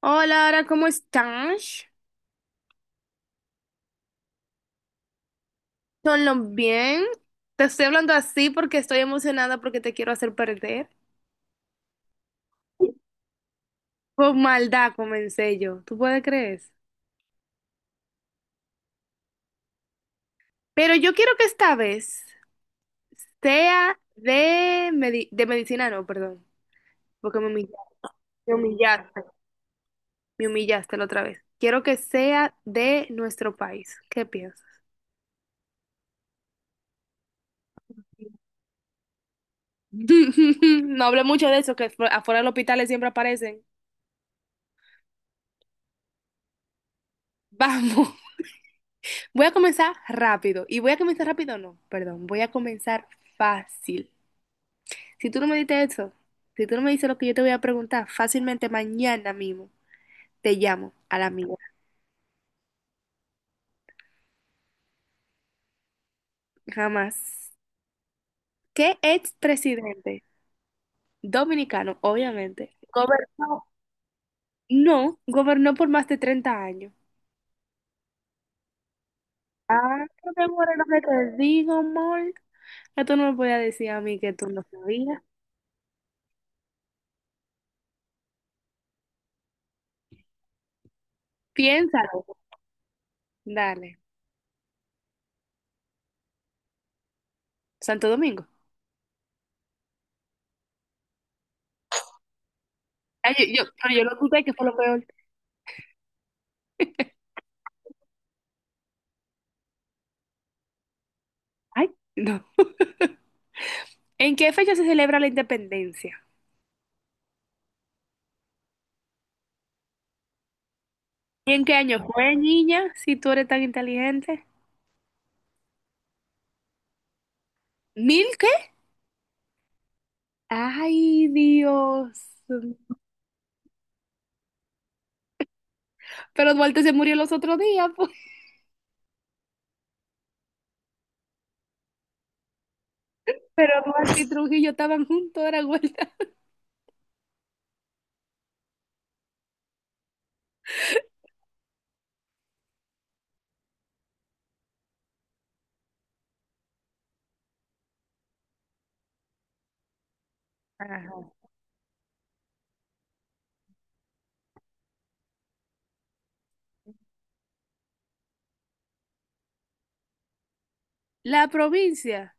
Hola, Ara, ¿cómo estás? ¿Todo bien? Te estoy hablando así porque estoy emocionada porque te quiero hacer perder. Con maldad comencé yo, ¿tú puedes creer? Pero yo quiero que esta vez sea de medicina, no, perdón, porque me humillaste, me humillaste, me humillaste la otra vez. Quiero que sea de nuestro país. ¿Qué piensas? No hablé mucho de eso, que afuera del hospital siempre aparecen. Vamos. Voy a comenzar rápido. Y voy a comenzar rápido, no, perdón. Voy a comenzar fácil. Si tú no me diste eso, si tú no me dices lo que yo te voy a preguntar, fácilmente mañana mismo te llamo a la mía. Jamás. ¿Qué expresidente dominicano, obviamente, gobernó? No, gobernó por más de 30 años. Ah, no te mueres lo que te digo, amor. Ya tú no me podías decir a mí que tú no sabías. Piénsalo. Dale. Santo Domingo. Ay, pero yo lo escuché que fue lo peor. Ay, no. ¿En qué fecha se celebra la independencia? ¿Y en qué año fue, niña, si tú eres tan inteligente? ¿Mil qué? Ay, Dios. Pero Duarte se murió los otros días, pues. Pero Duarte y Trujillo estaban juntos, era vuelta. Ajá. La provincia.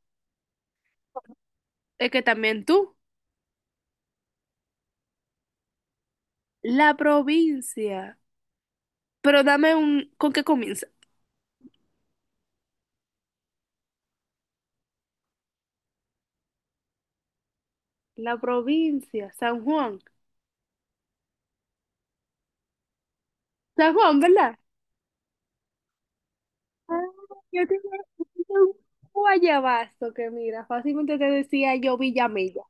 Es que también tú. La provincia. Pero dame un... ¿Con qué comienza? La provincia, San Juan. San Juan, ¿verdad? Ah, yo tenía yo tenía un guayabazo que mira, fácilmente te decía yo Villamella.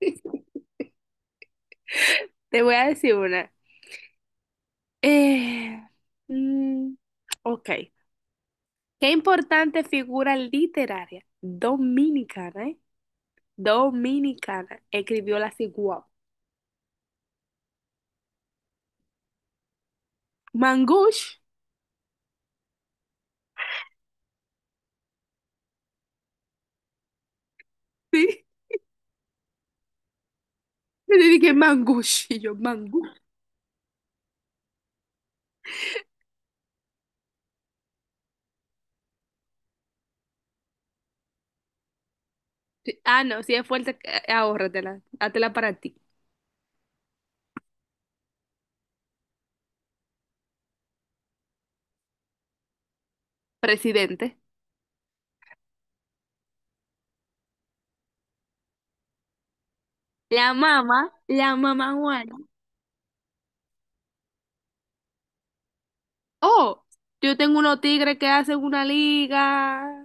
Te voy a decir una. Eh, mm, ok. Qué importante figura literaria dominicana, ¿eh? Dominicana escribió la Ciguao. Mangush, sí. Yo le dije Mangush y yo Mangush. Sí. Ah, no, si es fuerte, ahórratela, hátela para ti. Presidente. La mamá Juana. Oh, yo tengo unos tigres que hacen una liga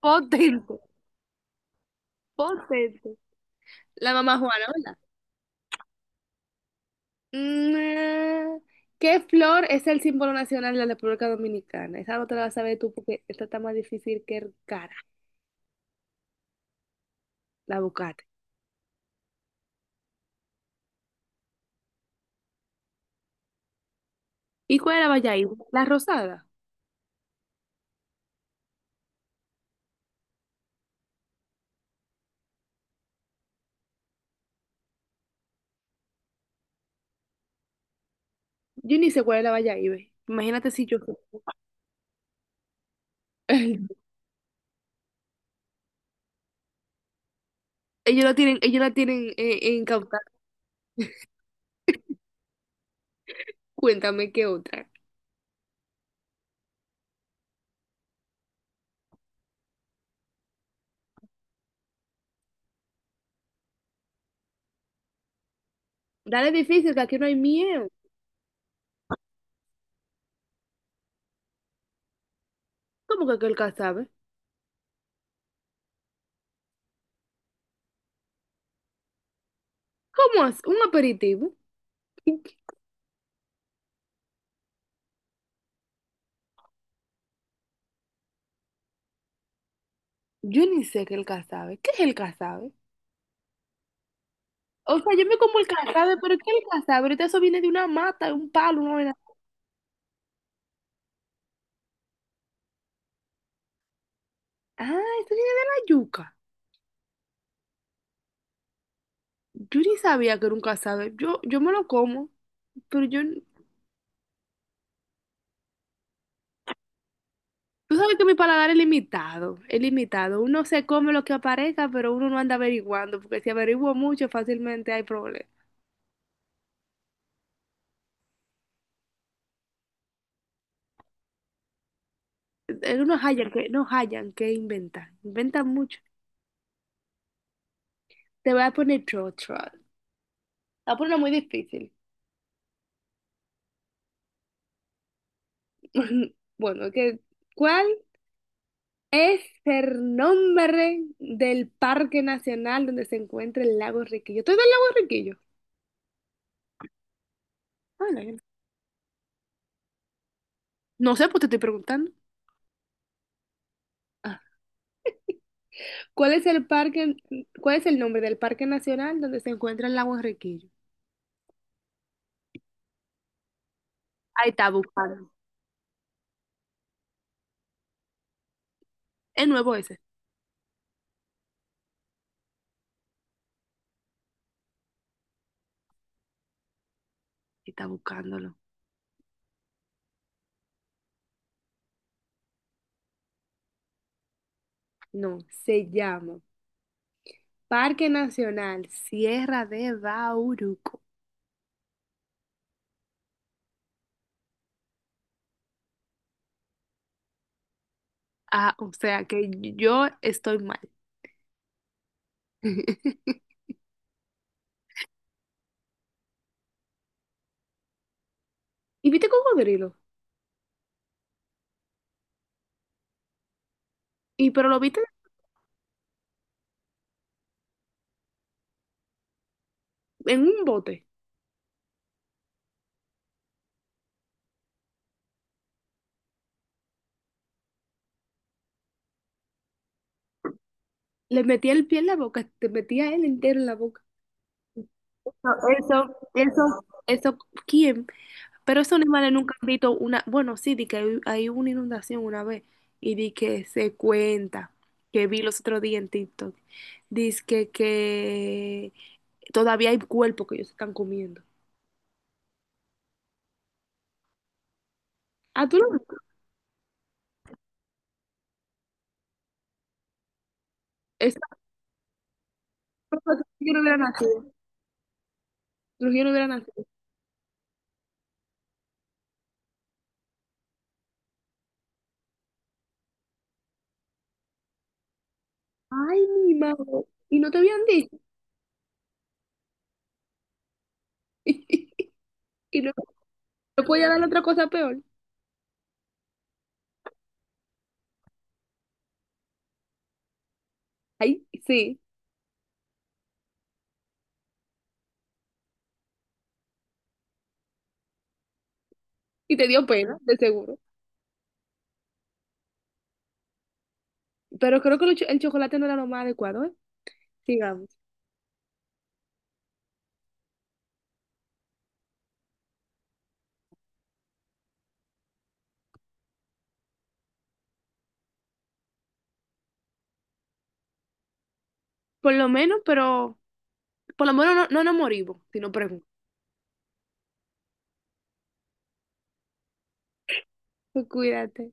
potente, potente. La mamá Juana, ¿verdad? Mm. ¿Qué flor es el símbolo nacional de la República Dominicana? Esa no te la vas a ver tú porque esta está más difícil que el cara, la buscaste. ¿Y cuál es la Bayahibe? La rosada. Yo ni sé cuál es la Bayahibe. Imagínate si yo... sé. Ellos la tienen incautada. Cuéntame qué otra. Dale difícil, que aquí no hay miedo. ¿Cómo que aquel que sabe? ¿Cómo es? ¿Un aperitivo? Yo ni sé qué es el casabe. ¿Qué es el casabe? O sea, yo me como el casabe, pero ¿qué es el casabe? Ahorita eso viene de una mata, de un palo, una vaina. Ah, eso viene de la yuca. Yo ni sabía que era un casabe. Yo me lo como, pero yo... Tú sabes que mi paladar es limitado, es limitado. Uno se come lo que aparezca, pero uno no anda averiguando, porque si averiguo mucho, fácilmente hay problemas. No hallan que, no hallan que inventan, inventan mucho. Te voy a poner otro. Te voy a poner una muy difícil. Bueno, que, ¿cuál es el nombre del parque nacional donde se encuentra el lago Riquillo? ¿Tú ves el lago Riquillo? Ah, no, yo no No sé, pues te estoy preguntando. Ah. ¿Cuál es cuál es el nombre del parque nacional donde se encuentra el lago Riquillo? Ahí está buscando. Es nuevo ese. Está buscándolo. No, se llama Parque Nacional Sierra de Bauruco. Ah, o sea que yo estoy mal. ¿Y viste cocodrilo? Y pero lo viste en un bote. Le metía el pie en la boca, te metía él entero en la boca. No. Eso, ¿quién? Pero esos animales nunca han visto una, bueno, sí, di que hay una inundación una vez y di que se cuenta, que vi los otros días en TikTok, dice que todavía hay cuerpos que ellos están comiendo. Ah, tú lo Esa cosa que yo no hubiera nacido, los yo no hubiera nacido. Ay, mi madre, y no te habían dicho, y no, no podía dar otra cosa peor. Ay, sí. Y te dio pena, de seguro. Pero creo que el chocolate no era lo más adecuado, ¿eh? Digamos. Por lo menos, pero por lo menos no, no nos morimos, si no pregunto. Pues Cuídate.